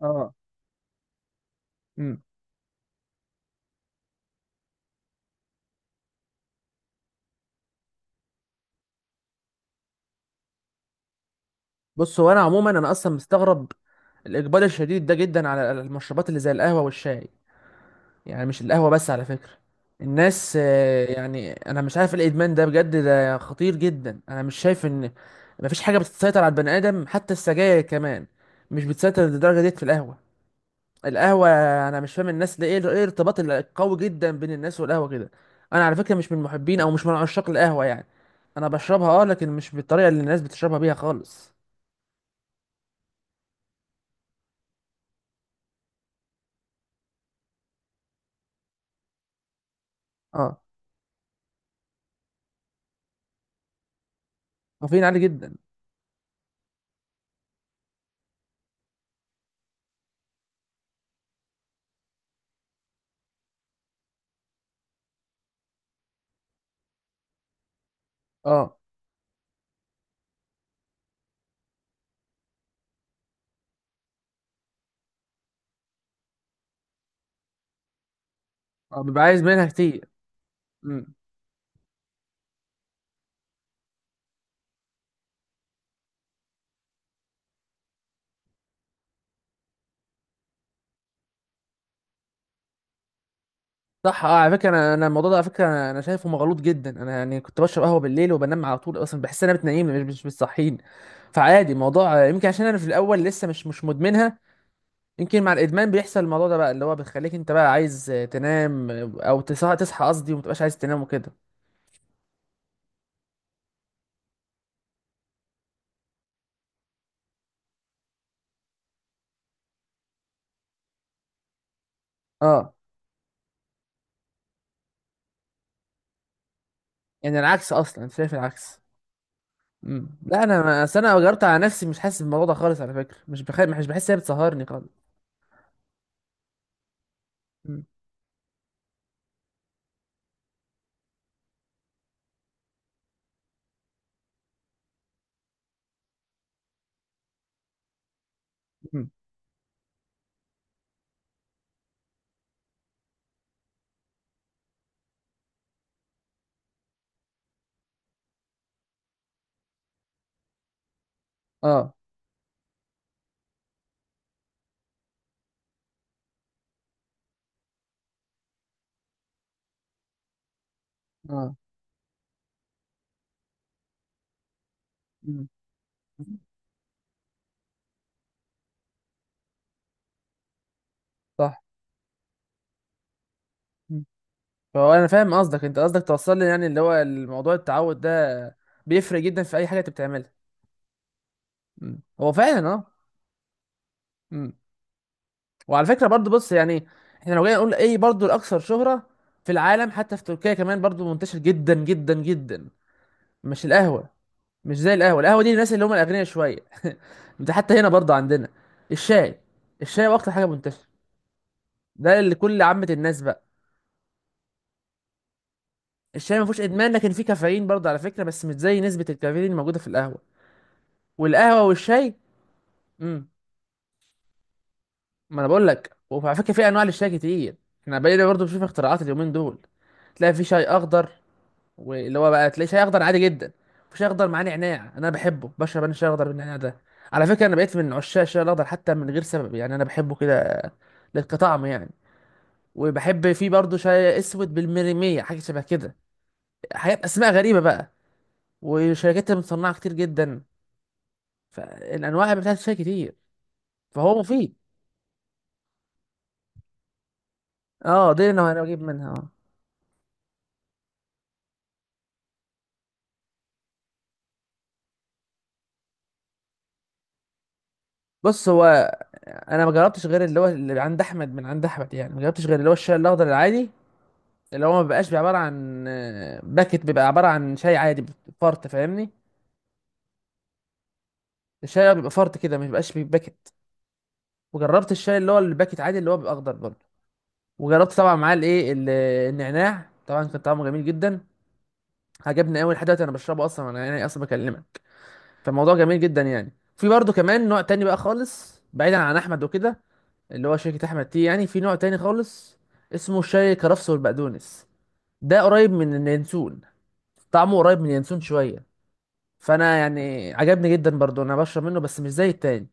اه. امم بص، هو انا عموما اصلا مستغرب الاقبال الشديد ده جدا على المشروبات اللي زي القهوه والشاي. يعني مش القهوه بس على فكره، الناس يعني انا مش عارف إيه الادمان ده، بجد ده خطير جدا. انا مش شايف ان مفيش حاجه بتسيطر على البني ادم، حتى السجاير كمان مش بتسيطر للدرجه ديت في القهوه. القهوه، انا مش فاهم الناس ده ايه الارتباط القوي جدا بين الناس والقهوه كده. انا على فكره مش من محبين او مش من عشاق القهوه يعني. انا بشربها، اه، لكن مش بالطريقه اللي الناس بتشربها بيها خالص. اه، كافيين عالي جدا. اه. اه، بيبقى عايز منها كتير. امم صح، اه. على فكره انا الموضوع ده، على فكره انا شايفه مغلوط جدا. انا يعني كنت بشرب قهوه بالليل وبنام على طول، اصلا بحس ان انا بتنيمني، مش بتصحيني. فعادي الموضوع، يمكن عشان انا في الاول لسه مش مدمنها. يمكن مع الادمان بيحصل الموضوع ده بقى، اللي هو بيخليك انت بقى عايز تنام، او تصحى قصدي، وما تبقاش عايز تنام وكده. اه. يعني العكس اصلا، انت شايف العكس. لا، اصل انا جربت على نفسي، مش حاسس بالموضوع ده خالص على فكره. مش بحس ان هي بتسهرني خالص. امم. امم. اه. اه. مم. صح. مم. فهو انا فاهم قصدك، انت قصدك توصل لي يعني اللي هو الموضوع، التعود ده بيفرق جدا في اي حاجه انت بتعملها. مم. هو فعلا اه. مم. وعلى فكره برضو، بص يعني، احنا لو جينا نقول ايه برضو الاكثر شهره في العالم، حتى في تركيا كمان برضو منتشر جدا جدا جدا، مش القهوه، مش زي القهوه. القهوه دي للناس اللي هم الاغنياء شويه، ده حتى هنا برضو عندنا الشاي. الشاي هو اكتر حاجه منتشره، ده اللي كل عامه الناس بقى. الشاي ما فيهوش ادمان، لكن فيه كافيين برضه على فكره، بس مش زي نسبه الكافيين اللي موجوده في القهوه والقهوه والشاي. امم ما انا بقول لك، وعلى فكره في انواع للشاي كتير، احنا بقينا برضه بنشوف اختراعات اليومين دول. تلاقي في شاي اخضر، واللي هو بقى تلاقي شاي اخضر عادي جدا، في شاي اخضر معاه نعناع. انا بحبه، بشرب انا الشاي الاخضر بالنعناع ده على فكره. انا بقيت من عشاق الشاي الاخضر حتى من غير سبب، يعني انا بحبه كده للطعم يعني. وبحب فيه برضه شاي اسود بالمريميه، حاجه شبه كده، حاجات اسماء غريبه بقى، وشركات مصنعه كتير جدا. فالانواع بتاعت الشاي كتير، فهو مفيد. اه، دي اللي انا بجيب منها اه. بص، هو انا ما جربتش غير اللي هو اللي عند احمد، من عند احمد يعني، ما جربتش غير اللي هو الشاي الاخضر العادي، اللي هو ما بيبقاش عباره عن باكت، بيبقى عباره عن شاي عادي فرط، فاهمني؟ الشاي بيبقى فرط كده، ما بيبقاش بيباكت. وجربت الشاي اللي هو الباكت عادي، اللي هو بيبقى اخضر برضه، وجربت طبعا معاه النعناع. طبعا كان طعمه جميل جدا، عجبني قوي. لحد دلوقتي انا بشربه اصلا، انا يعني اصلا بكلمك. فالموضوع جميل جدا يعني. في برضه كمان نوع تاني بقى خالص بعيدا عن احمد وكده، اللي هو شركة احمد تي، يعني في نوع تاني خالص اسمه شاي الكرفس والبقدونس، ده قريب من اليانسون، طعمه قريب من اليانسون شوية. فانا يعني عجبني جدا برضو، انا بشرب منه بس مش زي التاني.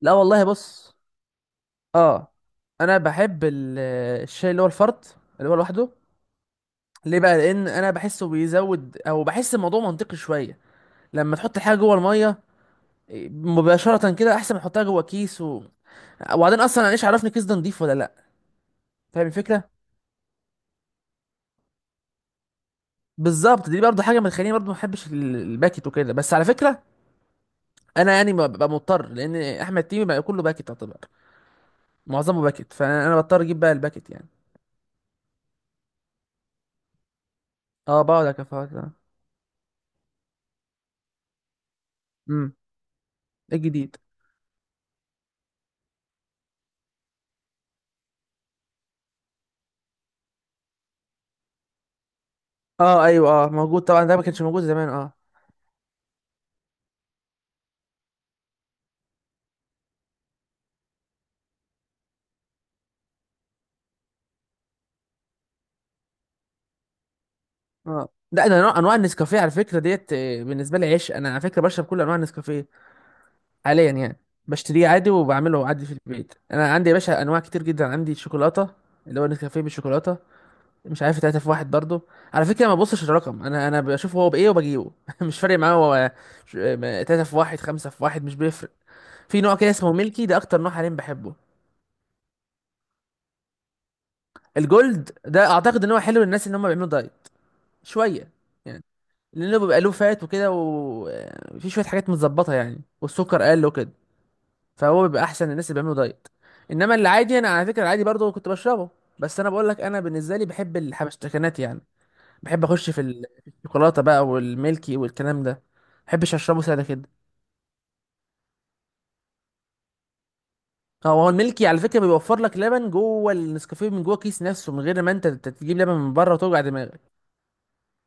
لا والله، بص اه، انا بحب الشاي اللي هو الفرط، اللي هو لوحده. ليه بقى؟ لان انا بحسه بيزود، او بحس الموضوع منطقي شوية لما تحط حاجة جوه المية مباشرة كده، احسن ما احطها جوه كيس وبعدين اصلا انا ايش عرفني الكيس ده نضيف ولا لا. فاهم الفكرة؟ بالظبط، دي برضه حاجة بتخليني برضه ما بحبش الباكت وكده. بس على فكرة انا يعني ببقى مضطر، لان احمد تيمي بقى كله باكت يعتبر، معظمه باكت. فانا بضطر اجيب بقى الباكت يعني. اه، بقعد اكفاءات اه. امم. الجديد. اه ايوه، اه موجود طبعا، ده ما كانش موجود زمان اه. اه، ده انا انواع النسكافيه على فكره ديت، بالنسبه لي عشق. انا على فكره بشرب كل انواع النسكافيه حاليا يعني، بشتريه عادي وبعمله عادي في البيت. انا عندي يا باشا انواع كتير جدا، عندي شوكولاته، اللي هو نسكافيه بالشوكولاته، مش عارف تلاته في واحد برضه، على فكره ما ببصش الرقم انا، بشوف هو بايه وبجيبه مش فارق معايا هو تلاته في واحد، خمسه في واحد، مش بيفرق. في نوع كده اسمه ميلكي، ده اكتر نوع حاليا بحبه. الجولد ده اعتقد ان هو حلو للناس ان هم بيعملوا دايت شويه، يعني لانه بيبقى له فات وكده، وفي شويه حاجات متظبطه يعني، والسكر قل وكده، فهو بيبقى احسن للناس اللي بيعملوا دايت. انما اللي عادي، انا على فكره العادي برضه كنت بشربه. بس انا بقول لك، انا بالنسبه لي بحب الحبشتكنات يعني، بحب اخش في في الشوكولاته بقى والميلكي، والكلام ده ما بحبش اشربه ساده كده. هو هو الميلكي على فكره بيوفر لك لبن جوه النسكافيه، من جوه الكيس نفسه، من غير ما انت تجيب لبن من بره وتوجع دماغك.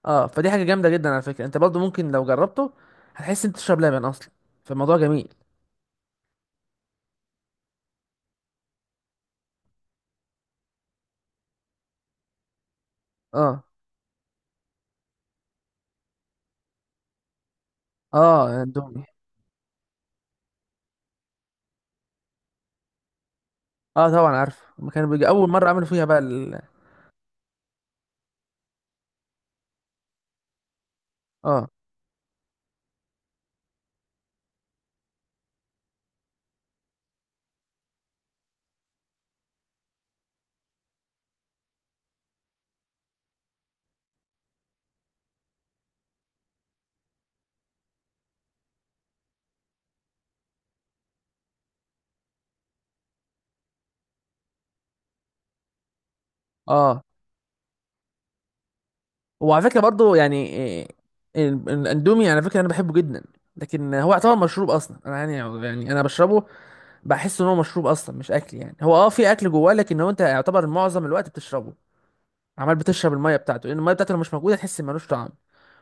اه، فدي حاجه جامده جدا على فكره، انت برضه ممكن لو جربته هتحس انت تشرب لبن اصلا. فالموضوع جميل. اه. اه اندومي. اه طبعا عارف، ما كانوا بيجي اول مره عملوا فيها بقى اه. اه. وعلى فكره برضو يعني الاندومي على فكره انا بحبه جدا، لكن هو يعتبر مشروب اصلا. انا يعني، يعني انا بشربه، بحس ان هو مشروب اصلا مش اكل يعني. هو اه في اكل جواه، لكن هو انت يعتبر معظم الوقت بتشربه، عمال بتشرب الميه بتاعته، لان الميه بتاعته لو مش موجوده تحس إن ملوش طعم.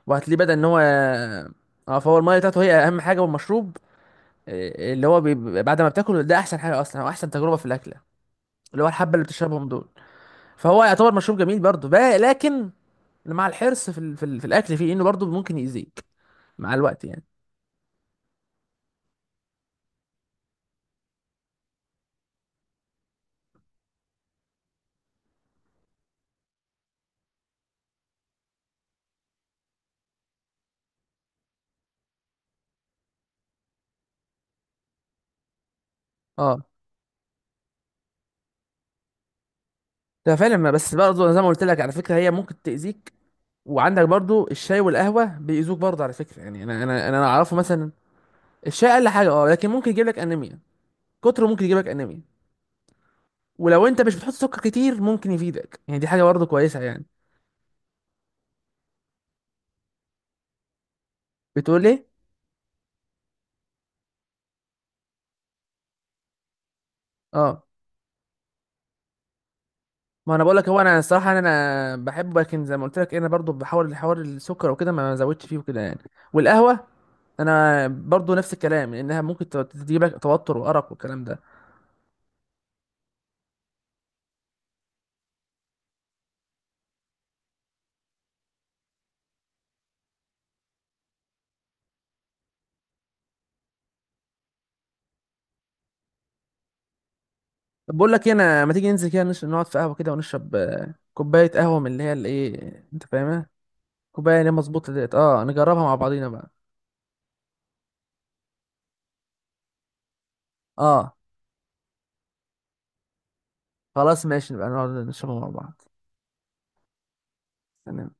وهتلاقيه بدأ ان هو اه، فهو الميه بتاعته هي اهم حاجه، والمشروب اللي هو بعد ما بتاكله، ده احسن حاجه اصلا او احسن تجربه في الاكله، اللي هو الحبه اللي بتشربهم دول. فهو يعتبر مشروب جميل برضه بقى، لكن مع الحرص في في الاكل فيه، انه برضه ممكن يأذيك مع الوقت يعني. اه، ده فعلا بس برضه زي ما قلت لك على فكره، هي ممكن تأذيك. وعندك برضه الشاي والقهوه بيأذوك برضه على فكره يعني، انا اعرفه مثلا. الشاي اقل حاجه اه، لكن ممكن يجيب لك انيميا، كتره ممكن يجيب لك انيميا. ولو انت مش بتحط سكر كتير ممكن يفيدك يعني، دي حاجه برضه كويسه يعني. بتقول ايه؟ اه، ما انا بقول لك، هو انا الصراحه انا بحبه، لكن زي ما قلت لك انا برضه بحاول حوار السكر وكده، ما زودتش فيه وكده يعني. والقهوه انا برضو نفس الكلام، لانها ممكن تجيب لك توتر وارق والكلام ده. طب بقول لك انا ما تيجي ننزل كده نقعد في قهوه كده، ونشرب كوبايه قهوه من اللي هي الايه انت فاهمها، كوبايه اللي هي مظبوطه ديت اه، نجربها مع بعضينا بقى. اه خلاص، ماشي، نبقى نقعد نشربها مع بعض. تمام.